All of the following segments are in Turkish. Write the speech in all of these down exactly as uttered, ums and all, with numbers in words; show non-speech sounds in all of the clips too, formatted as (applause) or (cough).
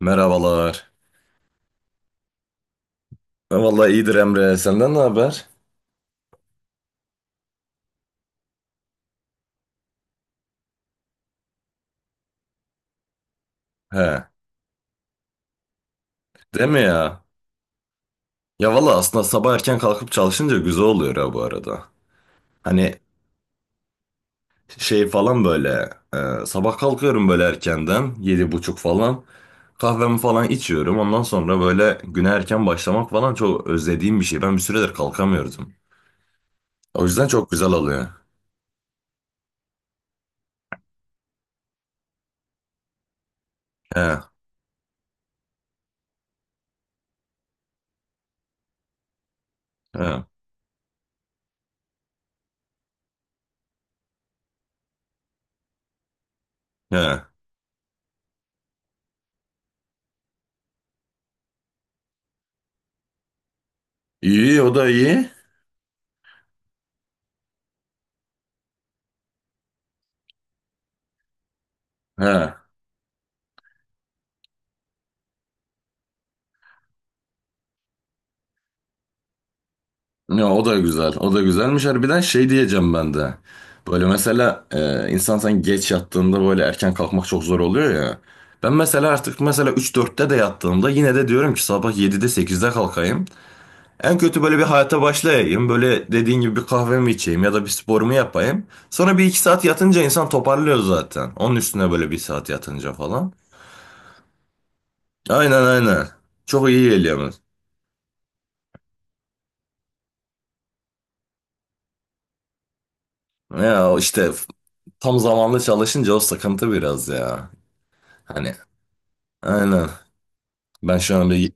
Merhabalar. Ha, vallahi iyidir Emre. Senden ne haber? He. Değil mi ya? Ya valla aslında sabah erken kalkıp çalışınca güzel oluyor ya bu arada. Hani şey falan böyle e, sabah kalkıyorum böyle erkenden yedi buçuk falan. Kahvemi falan içiyorum. Ondan sonra böyle güne erken başlamak falan çok özlediğim bir şey. Ben bir süredir kalkamıyordum. O yüzden çok güzel oluyor. He. He. He. İyi, o da iyi. He. Ya, o da güzel. O da güzelmiş. Harbiden şey diyeceğim ben de. Böyle mesela e, insan sen geç yattığında böyle erken kalkmak çok zor oluyor ya. Ben mesela artık mesela üç dörtte de yattığımda yine de diyorum ki sabah yedide sekizde kalkayım. En kötü böyle bir hayata başlayayım. Böyle dediğin gibi bir kahvemi içeyim ya da bir sporumu yapayım. Sonra bir iki saat yatınca insan toparlıyor zaten. Onun üstüne böyle bir saat yatınca falan. Aynen aynen. Çok iyi geliyor. Ya işte tam zamanlı çalışınca o sıkıntı biraz ya. Hani, aynen. Ben şu an bir...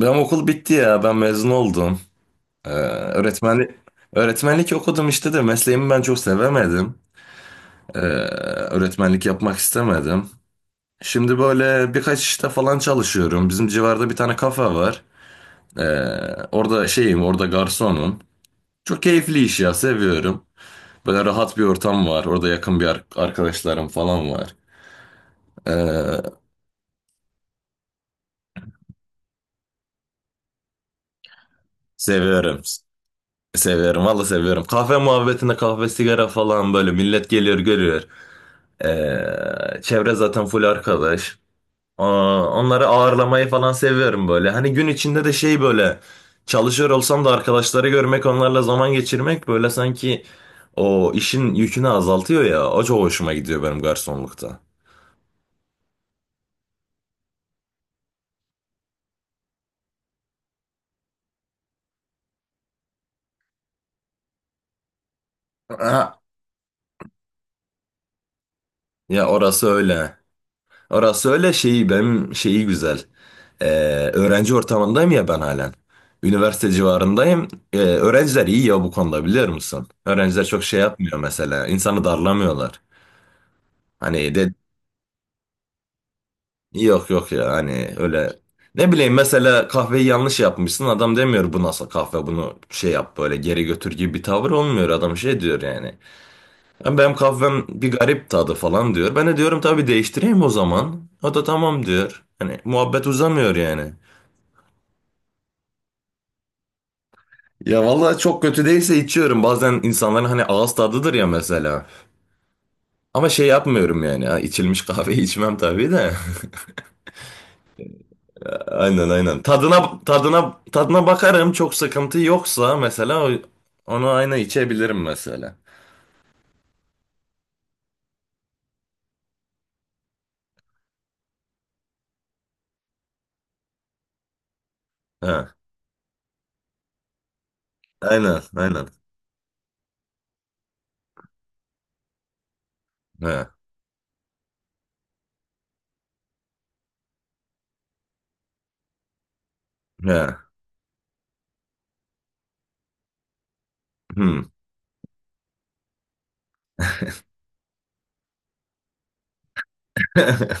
Benim okul bitti ya. Ben mezun oldum. Ee, öğretmenlik... Öğretmenlik okudum işte de mesleğimi ben çok sevemedim. Ee, öğretmenlik yapmak istemedim. Şimdi böyle birkaç işte falan çalışıyorum. Bizim civarda bir tane kafe var. Ee, orada şeyim, orada garsonum. Çok keyifli iş ya, seviyorum. Böyle rahat bir ortam var. Orada yakın bir ar- arkadaşlarım falan var. Ee, seviyorum. Seviyorum valla seviyorum. Kahve muhabbetinde kahve sigara falan böyle millet geliyor görüyor. Ee, çevre zaten full arkadaş. Aa, onları ağırlamayı falan seviyorum böyle. Hani gün içinde de şey böyle çalışıyor olsam da arkadaşları görmek, onlarla zaman geçirmek böyle sanki o işin yükünü azaltıyor ya. O çok hoşuma gidiyor benim garsonlukta. Ha, ya orası öyle. Orası öyle, şeyi benim şeyi güzel. Ee, öğrenci ortamındayım ya ben halen. Üniversite civarındayım. Ee, öğrenciler iyi ya bu konuda, biliyor musun? Öğrenciler çok şey yapmıyor mesela. İnsanı darlamıyorlar. Hani de yok yok ya, hani öyle. Ne bileyim mesela, kahveyi yanlış yapmışsın. Adam demiyor bu nasıl kahve, bunu şey yap, böyle geri götür gibi bir tavır olmuyor. Adam şey diyor yani. "Ya benim kahvem bir garip tadı" falan diyor. Ben de diyorum tabii, değiştireyim o zaman. O da tamam diyor. Hani muhabbet uzamıyor yani. Ya vallahi çok kötü değilse içiyorum. Bazen insanların hani ağız tadıdır ya mesela. Ama şey yapmıyorum yani. Ha, içilmiş kahveyi içmem tabii de. (laughs) Aynen aynen. Tadına tadına tadına bakarım. Çok sıkıntı yoksa mesela o- onu aynı içebilirim mesela. Ha, aynen aynen. Ha, ha. Hmm. (laughs)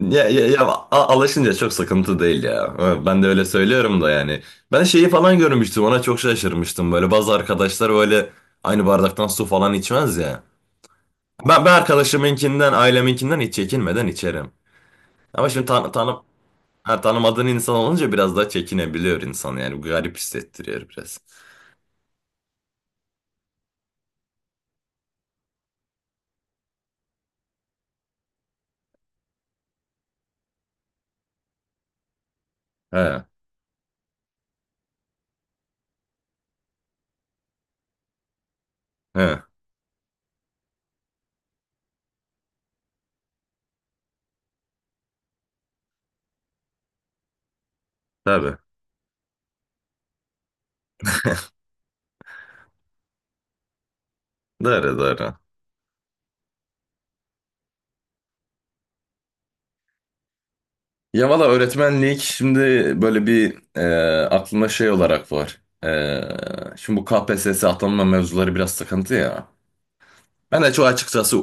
Ya, ya, ya a- alışınca çok sıkıntı değil ya. Ha, ben de öyle söylüyorum da yani. Ben şeyi falan görmüştüm. Ona çok şaşırmıştım. Böyle bazı arkadaşlar böyle aynı bardaktan su falan içmez ya. Ben, ben arkadaşımınkinden, aileminkinden hiç çekinmeden içerim. Ama şimdi tan tanı ha, tanımadığın insan olunca biraz daha çekinebiliyor insan yani. Garip hissettiriyor biraz. He, he, tabii. Doğru, doğru. Ya valla öğretmenlik şimdi böyle bir e, aklımda şey olarak var. E, şimdi bu K P S S atanma mevzuları biraz sıkıntı ya. Ben de çok açıkçası...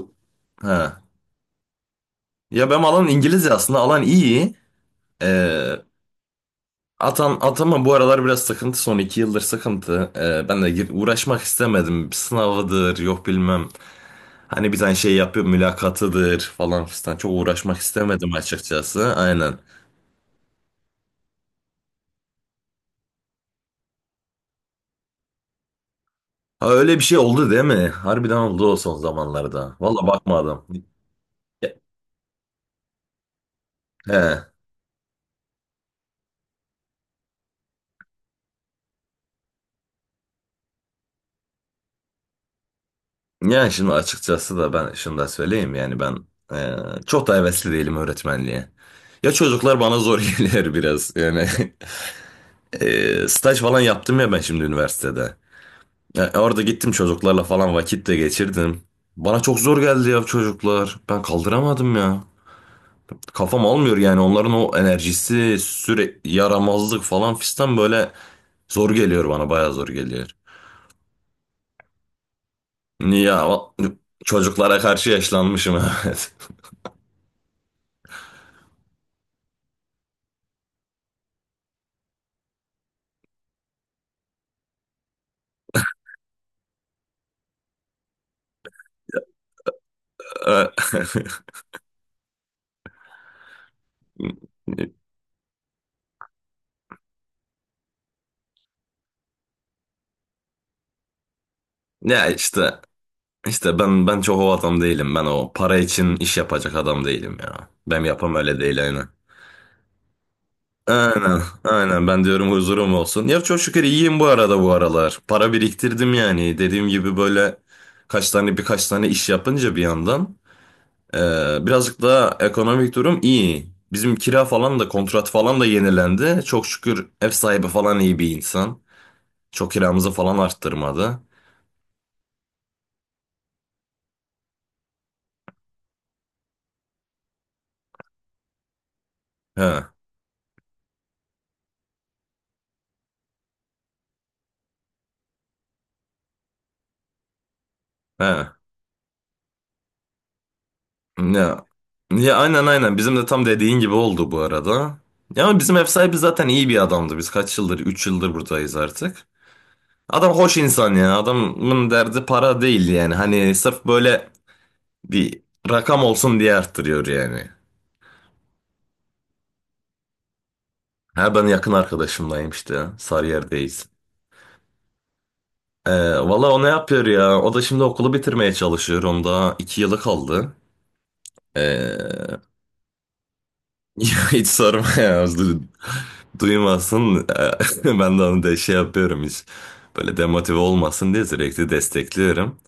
Ha. Ya benim alan İngilizce, aslında alan iyi. E, Atan, atama bu aralar biraz sıkıntı, son iki yıldır sıkıntı. Ee, ben de gir- uğraşmak istemedim. Sınavıdır, yok bilmem. Hani bir tane şey yapıyor, mülakatıdır falan fistan. Çok uğraşmak istemedim açıkçası. Aynen. Ha, öyle bir şey oldu değil mi? Harbiden oldu o son zamanlarda. Valla bakmadım. He. Yani şimdi açıkçası da ben şunu da söyleyeyim yani, ben e, çok da hevesli değilim öğretmenliğe. Ya çocuklar bana zor (laughs) geliyor biraz yani. (laughs) E, staj falan yaptım ya ben şimdi üniversitede. Ya e, orada gittim, çocuklarla falan vakit de geçirdim. Bana çok zor geldi ya çocuklar. Ben kaldıramadım ya. Kafam almıyor yani onların o enerjisi, sürekli yaramazlık falan fistan böyle zor geliyor bana, bayağı zor geliyor. Ya çocuklara karşı yaşlanmışım (laughs) evet. Ee, (laughs) ya işte işte ben ben çok o adam değilim. Ben o para için iş yapacak adam değilim ya. Ben yapam öyle değil, aynen. Aynen, aynen. Ben diyorum huzurum olsun. Ya çok şükür iyiyim bu arada bu aralar. Para biriktirdim yani. Dediğim gibi böyle kaç tane birkaç tane iş yapınca bir yandan eee, birazcık daha ekonomik durum iyi. Bizim kira falan da kontrat falan da yenilendi. Çok şükür ev sahibi falan iyi bir insan. Çok kiramızı falan arttırmadı. He, he. Ya, ya aynen aynen. Bizim de tam dediğin gibi oldu bu arada. Ya bizim ev sahibi zaten iyi bir adamdı. Biz kaç yıldır? Üç yıldır buradayız artık. Adam hoş insan ya. Adamın derdi para değil yani. Hani sırf böyle bir rakam olsun diye arttırıyor yani. Ha, ben yakın arkadaşımdayım işte. Sarıyer'deyiz. Ee, valla o ne yapıyor ya? O da şimdi okulu bitirmeye çalışıyor. Onda iki yılı kaldı. Ee, (laughs) ya hiç sorma ya. Du- Duymasın. (laughs) Ben de onu da şey yapıyorum hiç. Böyle demotive olmasın diye sürekli destekliyorum.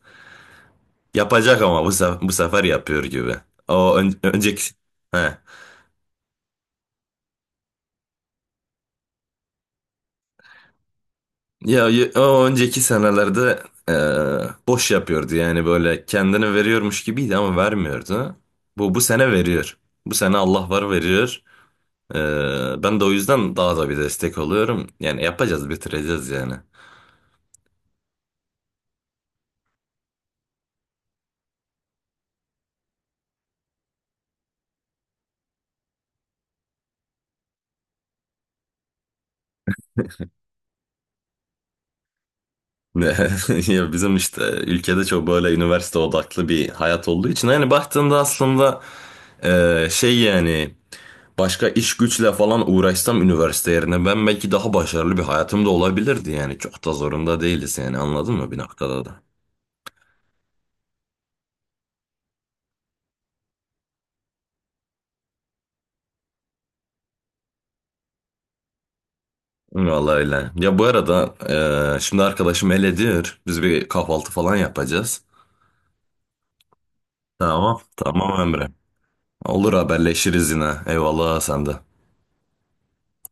Yapacak ama bu sefer, bu sefer yapıyor gibi. O ön- önceki... He. Ya y- o önceki senelerde e, boş yapıyordu yani, böyle kendini veriyormuş gibiydi ama vermiyordu. Bu bu sene veriyor. Bu sene Allah var, veriyor. E, ben de o yüzden daha da bir destek oluyorum. Yani yapacağız, bitireceğiz yani. Ne (laughs) ya bizim işte ülkede çok böyle üniversite odaklı bir hayat olduğu için, yani baktığında aslında e, şey yani başka iş güçle falan uğraşsam üniversite yerine, ben belki daha başarılı bir hayatım da olabilirdi yani. Çok da zorunda değiliz yani, anladın mı, bir noktada da. Vallahi öyle. Ya bu arada eee, şimdi arkadaşım elediyor. Biz bir kahvaltı falan yapacağız. Tamam. Tamam Emre. Olur, haberleşiriz yine. Eyvallah, sen de.